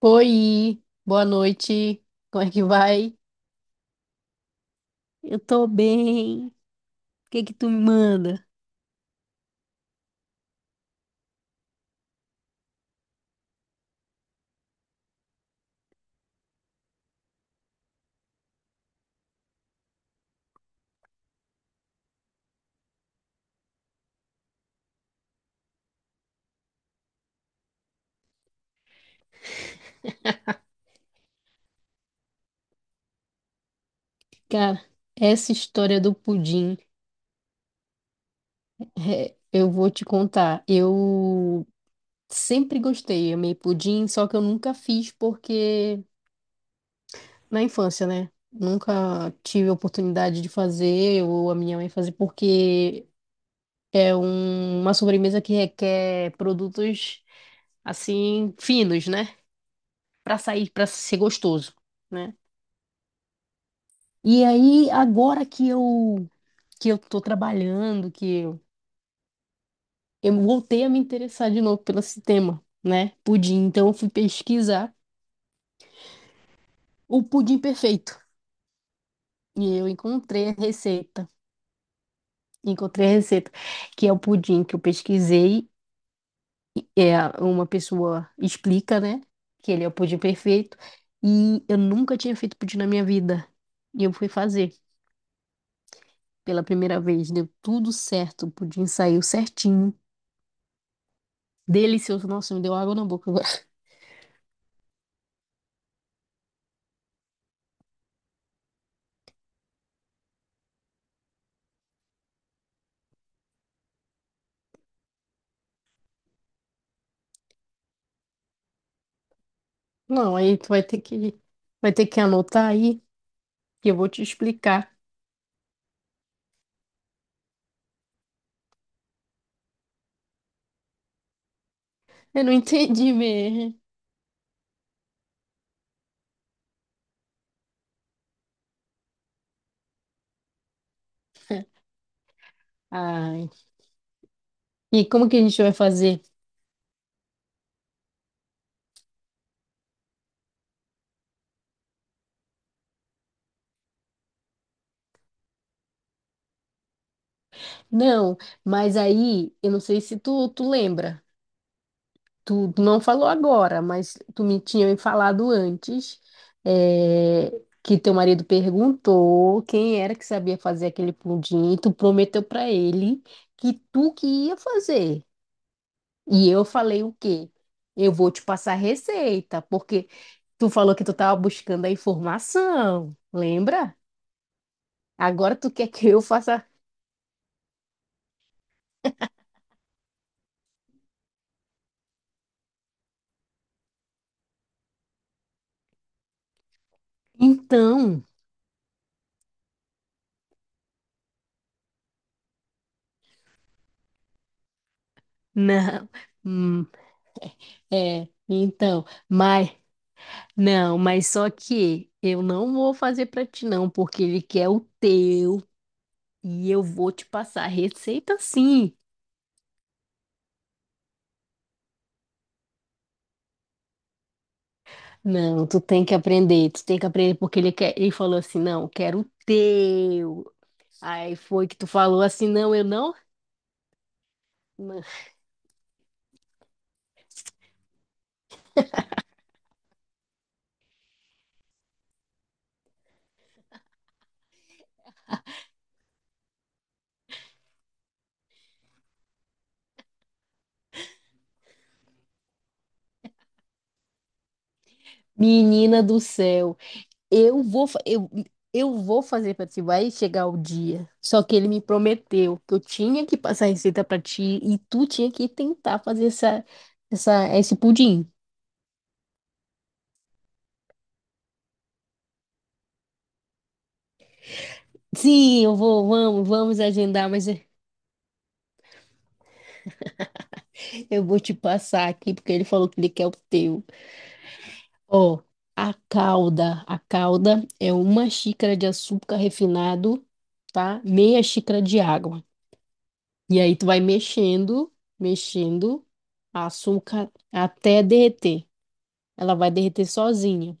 Oi, boa noite. Como é que vai? Eu tô bem. O que que tu me manda? Cara, essa história do pudim, é, eu vou te contar. Eu sempre gostei, amei pudim, só que eu nunca fiz porque na infância, né? Nunca tive a oportunidade de fazer ou a minha mãe fazer porque é uma sobremesa que requer produtos assim finos, né? Pra sair, pra ser gostoso. Né? E aí, agora que eu tô trabalhando, que eu voltei a me interessar de novo pelo esse tema, né? Pudim. Então, eu fui pesquisar o pudim perfeito. E eu encontrei a receita. Encontrei a receita, que é o pudim que eu pesquisei. É, uma pessoa explica, né? Que ele é o pudim perfeito. E eu nunca tinha feito pudim na minha vida. E eu fui fazer pela primeira vez. Deu tudo certo. O pudim saiu certinho. Delicioso. Nossa, me deu água na boca. Não, aí tu vai ter que anotar aí que eu vou te explicar. Eu não entendi mesmo. Ai. E como que a gente vai fazer? Não, mas aí eu não sei se tu lembra. Tu não falou agora, mas tu me tinha me falado antes é, que teu marido perguntou quem era que sabia fazer aquele pudim e tu prometeu pra ele que tu que ia fazer. E eu falei o quê? Eu vou te passar a receita, porque tu falou que tu tava buscando a informação, lembra? Agora tu quer que eu faça. Então, não. Hum, É, então, mas não, mas só que eu não vou fazer pra ti não, porque ele quer o teu e eu vou te passar a receita sim. Não, tu tem que aprender, tu tem que aprender porque ele quer, ele falou assim, não, quero o teu. Aí foi que tu falou assim, não, eu não. Menina do céu. Eu vou fazer pra ti, vai chegar o dia. Só que ele me prometeu que eu tinha que passar a receita pra ti e tu tinha que tentar fazer esse pudim. Sim, eu vou, vamos, vamos agendar, mas eu vou te passar aqui porque ele falou que ele quer o teu. Ó, a calda é uma xícara de açúcar refinado, tá? Meia xícara de água. E aí tu vai mexendo, mexendo açúcar até derreter. Ela vai derreter sozinha.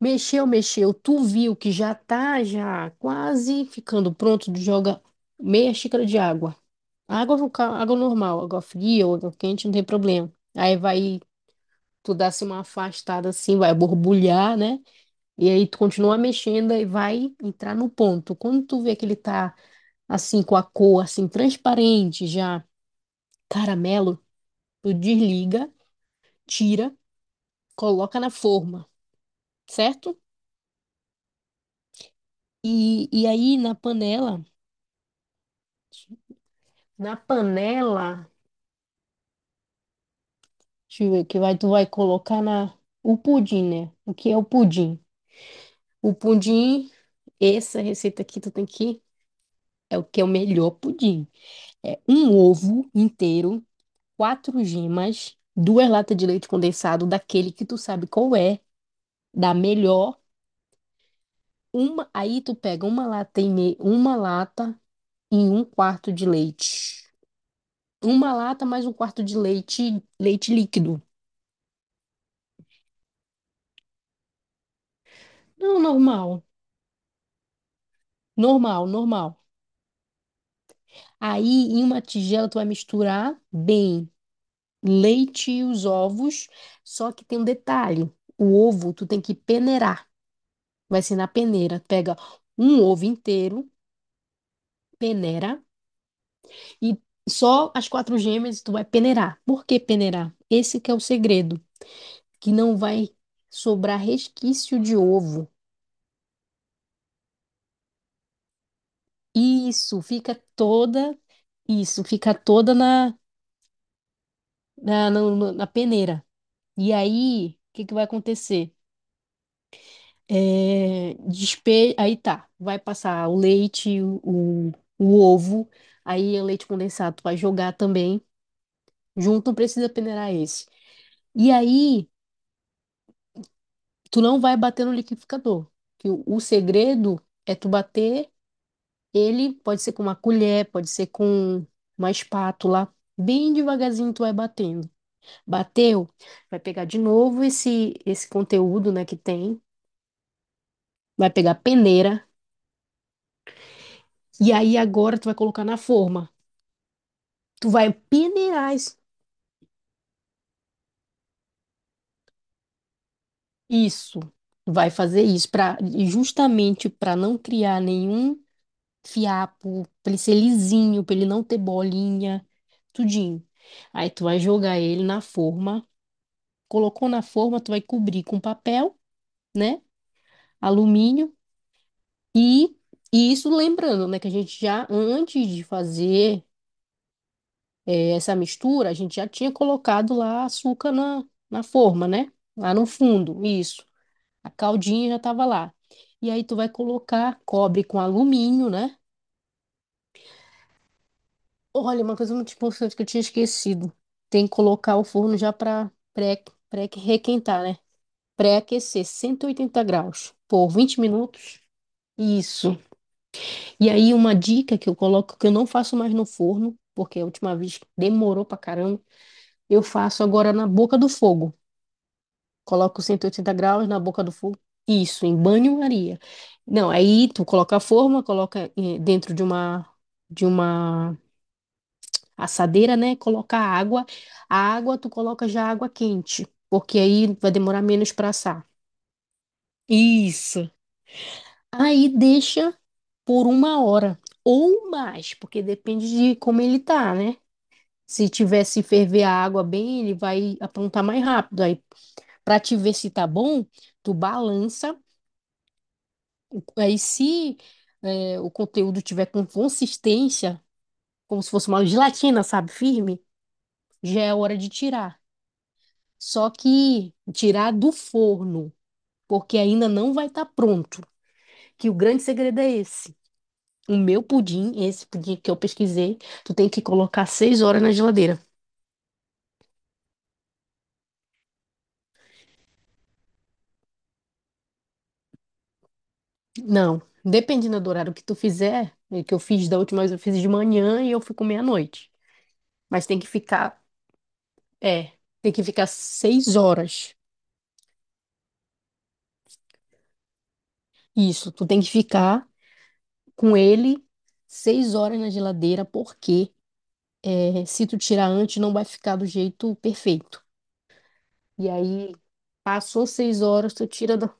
Mexeu, mexeu. Tu viu que já tá já quase ficando pronto, joga meia xícara de água. Água, no ca- água normal, água fria ou água quente, não tem problema. Aí vai, tu dá assim uma afastada assim, vai borbulhar, né? E aí tu continua mexendo e vai entrar no ponto. Quando tu vê que ele tá assim com a cor assim transparente já, caramelo, tu desliga, tira, coloca na forma, certo? E aí na panela Na panela, deixa eu ver, que vai, tu vai colocar na, o pudim, né? O que é o pudim? O pudim, essa receita aqui é o que é o melhor pudim. É um ovo inteiro, quatro gemas, duas latas de leite condensado, daquele que tu sabe qual é, da melhor. Uma, aí tu pega uma lata e meia, uma lata e um quarto de leite. Uma lata mais um quarto de leite, leite líquido. Não, normal, normal, normal. Aí, em uma tigela, tu vai misturar bem leite e os ovos. Só que tem um detalhe: o ovo tu tem que peneirar. Vai ser na peneira. Pega um ovo inteiro, peneira, e só as quatro gêmeas tu vai peneirar. Por que peneirar? Esse que é o segredo, que não vai sobrar resquício de ovo. Isso, fica toda, isso, fica toda na, peneira. E aí, o que que vai acontecer? Aí tá, vai passar o leite, o ovo, aí é leite condensado, tu vai jogar também, junto, não precisa peneirar esse. E aí, tu não vai bater no liquidificador, que o segredo é tu bater ele, pode ser com uma colher, pode ser com uma espátula, bem devagarzinho tu vai batendo. Bateu, vai pegar de novo esse conteúdo, né, que tem, vai pegar a peneira, e aí agora tu vai colocar na forma. Tu vai peneirar isso. Tu vai fazer isso para justamente para não criar nenhum fiapo, para ele ser lisinho, para ele não ter bolinha, tudinho. Aí tu vai jogar ele na forma. Colocou na forma, tu vai cobrir com papel, né? Alumínio e E isso lembrando, né, que a gente já, antes de fazer essa mistura, a gente já tinha colocado lá açúcar na, na forma, né? Lá no fundo, isso. A caldinha já estava lá. E aí tu vai colocar, cobre com alumínio, né? Olha, uma coisa muito importante que eu tinha esquecido. Tem que colocar o forno já para pré-requentar, né? Pré-aquecer, 180 graus por 20 minutos. Isso. E aí uma dica que eu coloco, que eu não faço mais no forno, porque a última vez demorou pra caramba, eu faço agora na boca do fogo. Coloca os 180 graus na boca do fogo. Isso, em banho-maria. Não, aí tu coloca a forma, coloca dentro de uma assadeira, né? Coloca a água. A água tu coloca já água quente, porque aí vai demorar menos para assar. Isso. Aí deixa por uma hora ou mais, porque depende de como ele tá, né? Se tiver se ferver a água bem, ele vai aprontar mais rápido. Aí, para te ver se tá bom, tu balança. Aí, se é, o conteúdo tiver com consistência, como se fosse uma gelatina, sabe, firme, já é hora de tirar. Só que tirar do forno, porque ainda não vai estar pronto. Que o grande segredo é esse. O meu pudim, esse pudim que eu pesquisei, tu tem que colocar 6 horas na geladeira. Não, dependendo do horário que tu fizer, é que eu fiz da última vez, eu fiz de manhã e eu fui comer à noite. Mas tem que ficar, é, tem que ficar 6 horas. Isso, tu tem que ficar com ele 6 horas na geladeira, porque é, se tu tirar antes, não vai ficar do jeito perfeito. E aí, passou 6 horas, tu tira da...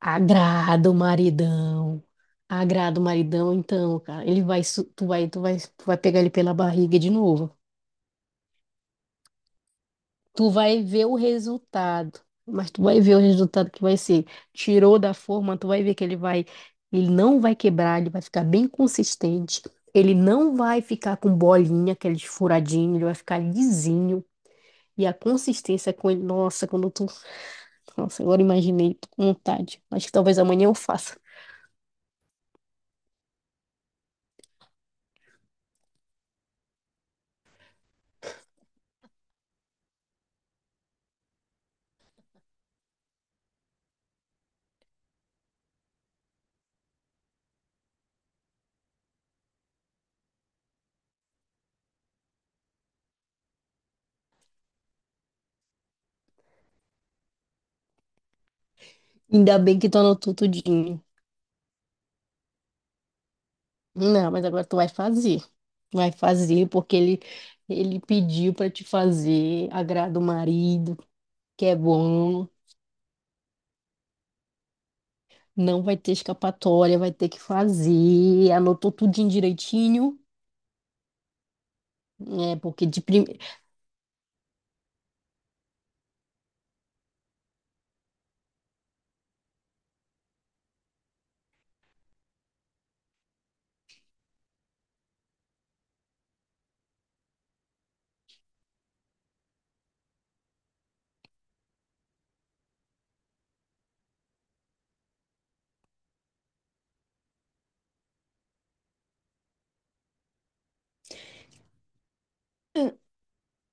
Agrada o maridão. Agrada o maridão, então, cara, ele vai, tu vai pegar ele pela barriga de novo. Tu vai ver o resultado, mas tu vai ver o resultado que vai ser. Tirou da forma, tu vai ver que ele vai, ele não vai quebrar, ele vai ficar bem consistente. Ele não vai ficar com bolinha, aquele furadinho, ele vai ficar lisinho. E a consistência com ele, nossa, nossa, agora imaginei, tô com vontade. Acho que talvez amanhã eu faça. Ainda bem que tu anotou tudinho. Não, mas agora tu vai fazer. Vai fazer porque ele pediu pra te fazer, agrada o marido. Que é bom, não vai ter escapatória, vai ter que fazer. Anotou tudinho direitinho, né? Porque de primeiro.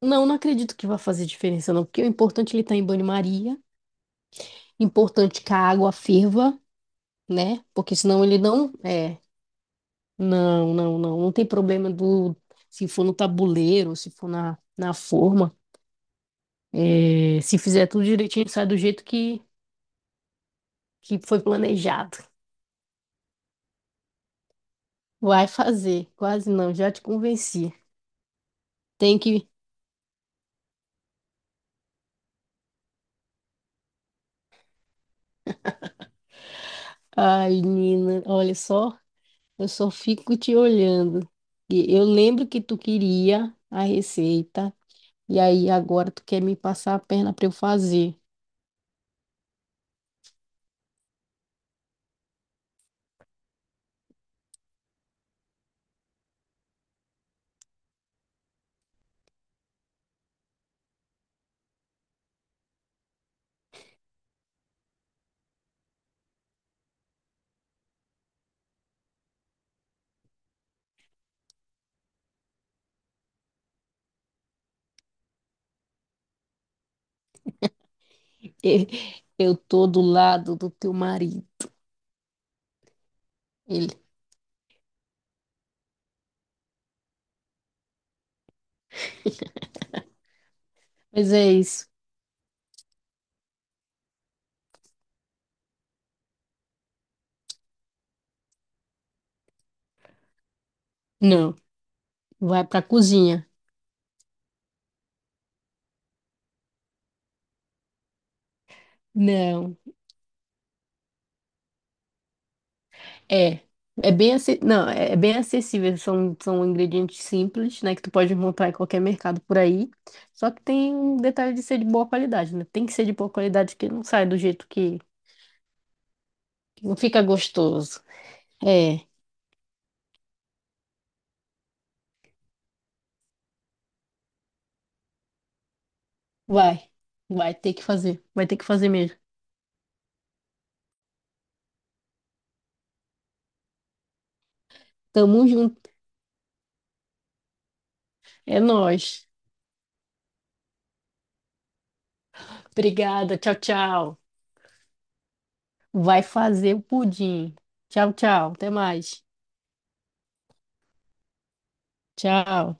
Não, não acredito que vai fazer diferença, não, porque o importante é ele tá em banho-maria, importante é que a água ferva, né? Porque senão ele não. É, não, não, não. Não tem problema do. Se for no tabuleiro, se for na, na forma, é, se fizer tudo direitinho, sai do jeito que foi planejado. Vai fazer, quase não, já te convenci. Tem que. Ai, Nina, olha só, eu só fico te olhando. E eu lembro que tu queria a receita, e aí agora tu quer me passar a perna para eu fazer. Eu tô do lado do teu marido. Ele, mas é isso. Não, vai pra cozinha. Não. É. É bem, ace- não, é é bem acessível, são, são ingredientes simples, né, que tu pode encontrar em qualquer mercado por aí. Só que tem um detalhe de ser de boa qualidade, né? Tem que ser de boa qualidade, que não sai do jeito que não fica gostoso. É, vai. Vai ter que fazer. Vai ter que fazer mesmo. Tamo junto. É nóis. Obrigada. Tchau, tchau. Vai fazer o pudim. Tchau, tchau. Até mais. Tchau.